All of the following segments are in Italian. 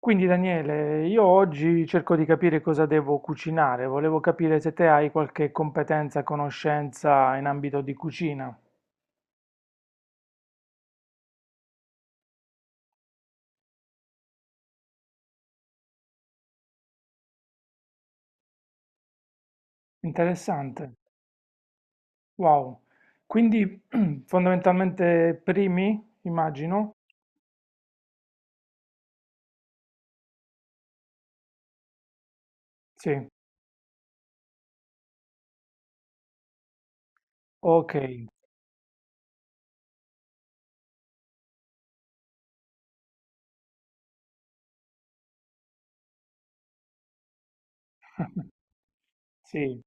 Quindi Daniele, io oggi cerco di capire cosa devo cucinare. Volevo capire se te hai qualche competenza, conoscenza in ambito di cucina. Interessante. Wow. Quindi fondamentalmente primi, immagino? Sì. Ok, sì.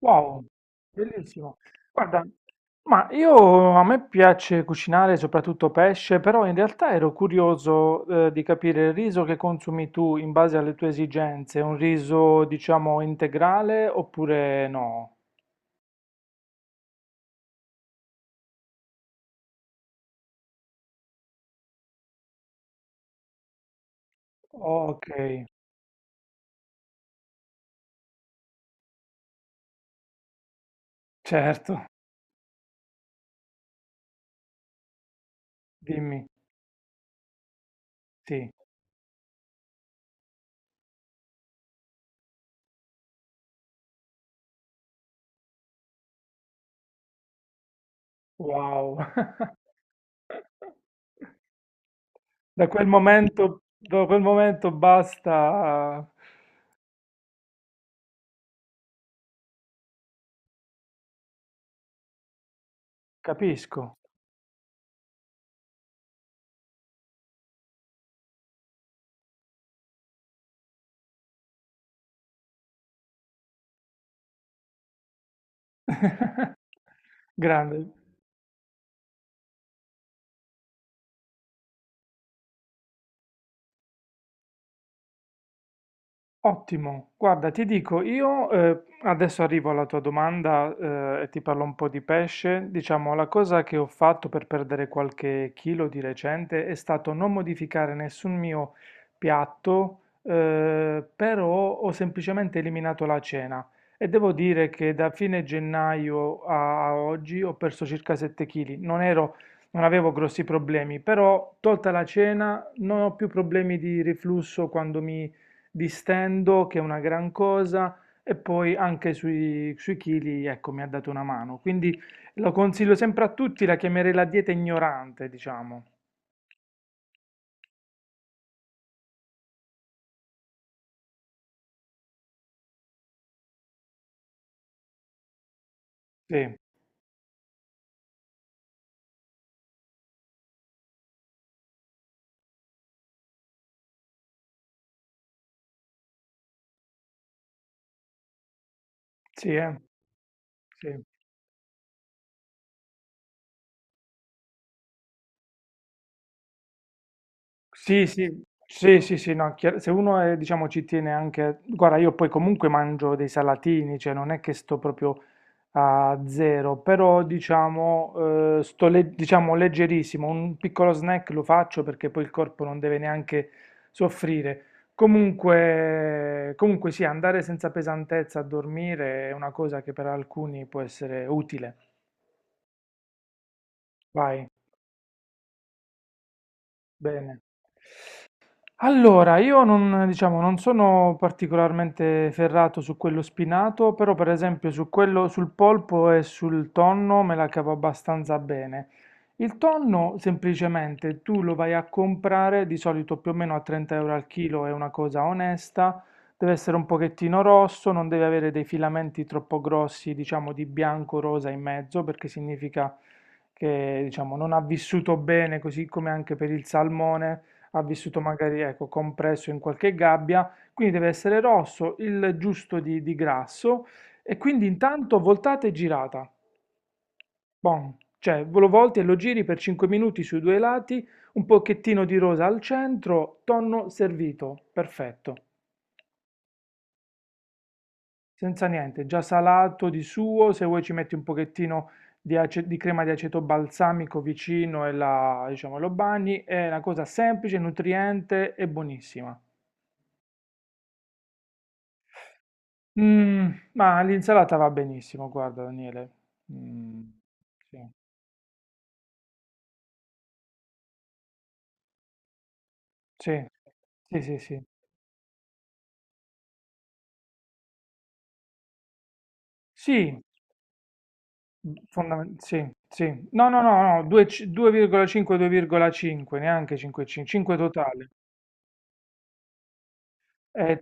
Wow, bellissimo. Guarda, ma io a me piace cucinare soprattutto pesce, però in realtà ero curioso, di capire il riso che consumi tu in base alle tue esigenze, un riso, diciamo, integrale oppure no? Ok, certo, dimmi, sì. Wow. Da quel momento basta, capisco. Grande. Ottimo, guarda, ti dico, io adesso arrivo alla tua domanda e ti parlo un po' di pesce. Diciamo, la cosa che ho fatto per perdere qualche chilo di recente è stato non modificare nessun mio piatto, però ho semplicemente eliminato la cena e devo dire che da fine gennaio a oggi ho perso circa 7 kg. Non ero, non avevo grossi problemi, però tolta la cena non ho più problemi di riflusso quando mi distendo, che è una gran cosa, e poi anche sui chili, ecco, mi ha dato una mano. Quindi lo consiglio sempre a tutti, la chiamerei la dieta ignorante, diciamo. Sì, sì, sì. Sì, sì, sì, sì, sì, no, chiar- se uno è, diciamo, ci tiene anche. Guarda, io poi comunque mangio dei salatini, cioè non è che sto proprio a zero, però diciamo, sto le- diciamo leggerissimo, un piccolo snack lo faccio perché poi il corpo non deve neanche soffrire. Comunque, comunque sì, andare senza pesantezza a dormire è una cosa che per alcuni può essere utile. Vai, bene. Allora, io non, diciamo, non sono particolarmente ferrato su quello spinato, però per esempio su quello, sul polpo e sul tonno me la cavo abbastanza bene. Il tonno semplicemente tu lo vai a comprare di solito più o meno a 30 euro al chilo, è una cosa onesta, deve essere un pochettino rosso, non deve avere dei filamenti troppo grossi, diciamo di bianco-rosa in mezzo, perché significa che diciamo, non ha vissuto bene, così come anche per il salmone ha vissuto magari ecco, compresso in qualche gabbia, quindi deve essere rosso, il giusto di grasso e quindi intanto voltate e girata. Bon. Cioè, lo volti e lo giri per 5 minuti sui due lati, un pochettino di rosa al centro, tonno servito, perfetto, senza niente, già salato di suo, se vuoi ci metti un pochettino di, ace- di crema di aceto balsamico vicino e la, diciamo, lo bagni, è una cosa semplice, nutriente e buonissima. Mm, ma l'insalata va benissimo, guarda Daniele. Mm, sì, sì, sì, sì, sì. Sì, fondamen- sì, sì. No, no, no, no, 2,5-2,5, neanche 5,5, 5 totale. È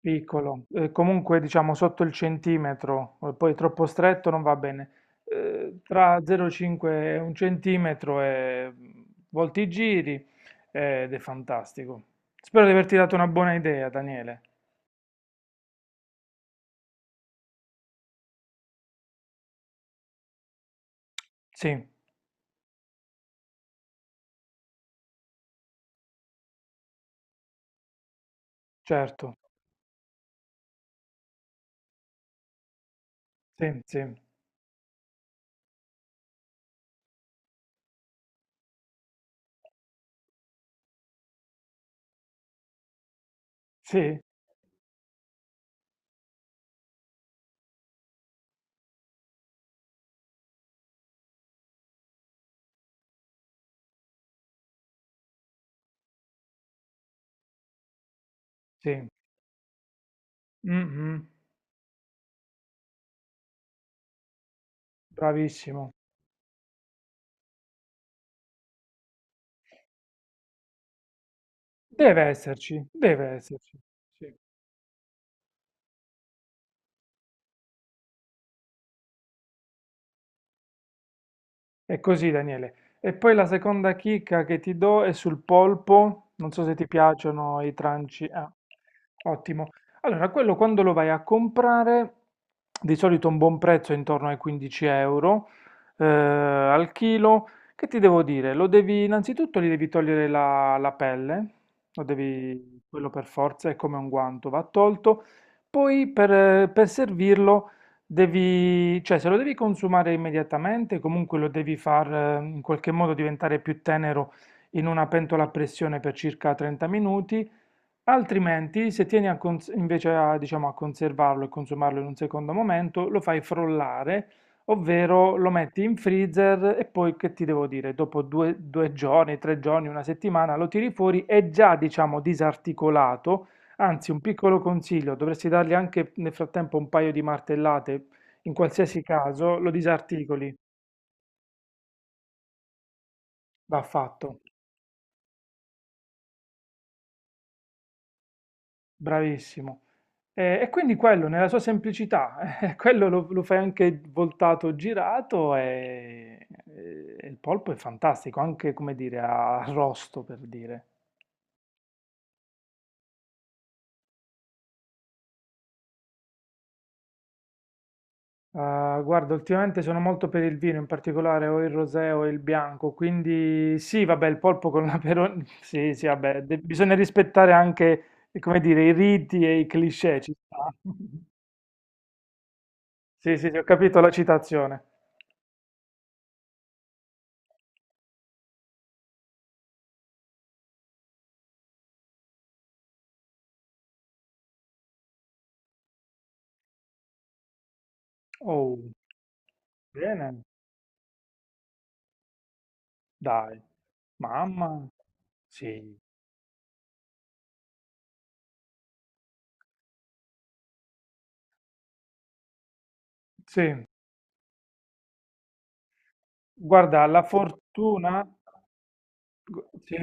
piccolo, comunque diciamo sotto il centimetro, poi troppo stretto non va bene. Tra 0,5 e un centimetro e mm, volti i giri ed è fantastico. Spero di averti dato una buona idea, Daniele. Sì, certo, sì, sì, sì, sì, mhm, bravissimo. Deve esserci, deve esserci. Sì. È così, Daniele. E poi la seconda chicca che ti do è sul polpo. Non so se ti piacciono i tranci. Ah, ottimo. Allora, quello quando lo vai a comprare, di solito un buon prezzo è intorno ai 15 euro al chilo. Che ti devo dire? Lo devi, innanzitutto gli devi togliere la, la pelle, lo devi, quello per forza, è come un guanto, va tolto. Poi per servirlo. Devi, cioè, se lo devi consumare immediatamente, comunque lo devi far in qualche modo diventare più tenero in una pentola a pressione per circa 30 minuti. Altrimenti, se tieni a cons- invece a, diciamo, a conservarlo e consumarlo in un secondo momento, lo fai frollare, ovvero lo metti in freezer e poi che ti devo dire, dopo due giorni, tre giorni, una settimana lo tiri fuori, è già, diciamo, disarticolato. Anzi, un piccolo consiglio, dovresti dargli anche nel frattempo un paio di martellate, in qualsiasi caso lo disarticoli, va fatto. Bravissimo. E quindi quello nella sua semplicità, quello lo fai anche voltato, girato e il polpo è fantastico, anche come dire a arrosto per dire. Ah, guarda ultimamente sono molto per il vino, in particolare o il rosé o il bianco, quindi sì vabbè il polpo con l'aperol sì, sì vabbè, de bisogna rispettare anche, come dire, i riti e i cliché, ci sta. Sì, sì, sì, ho capito la citazione. Oh. Bene. Dai, mamma, sì, sì, guarda, la fortuna, gu- sì,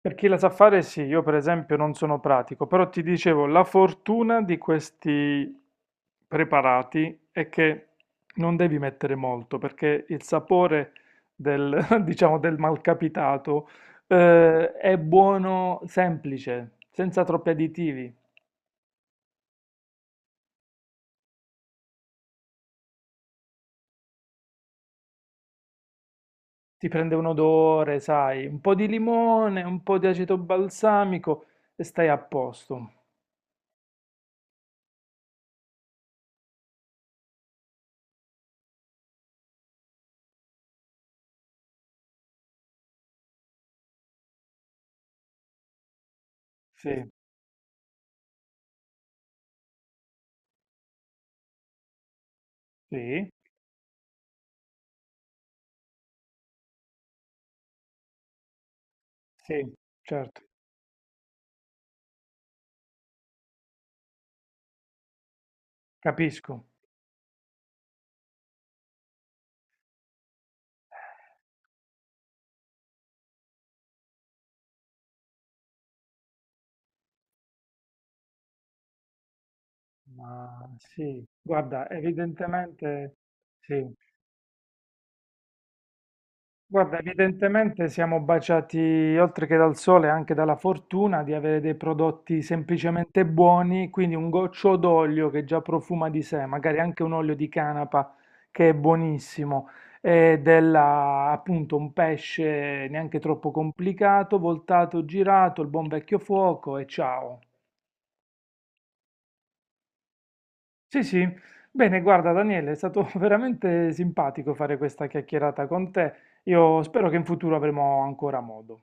per chi la sa fare, sì, io per esempio non sono pratico, però ti dicevo, la fortuna di questi preparati è che non devi mettere molto, perché il sapore del, diciamo, del malcapitato, è buono semplice, senza troppi additivi. Ti prende un odore, sai, un po' di limone, un po' di aceto balsamico e stai a posto. Sì, sì, sì, certo, capisco. Ma sì, guarda, evidentemente sì. Guarda, evidentemente siamo baciati oltre che dal sole anche dalla fortuna di avere dei prodotti semplicemente buoni, quindi un goccio d'olio che già profuma di sé, magari anche un olio di canapa che è buonissimo, e della, appunto un pesce neanche troppo complicato, voltato, girato, il buon vecchio fuoco e ciao. Sì, sì. Bene, guarda Daniele, è stato veramente simpatico fare questa chiacchierata con te. Io spero che in futuro avremo ancora modo.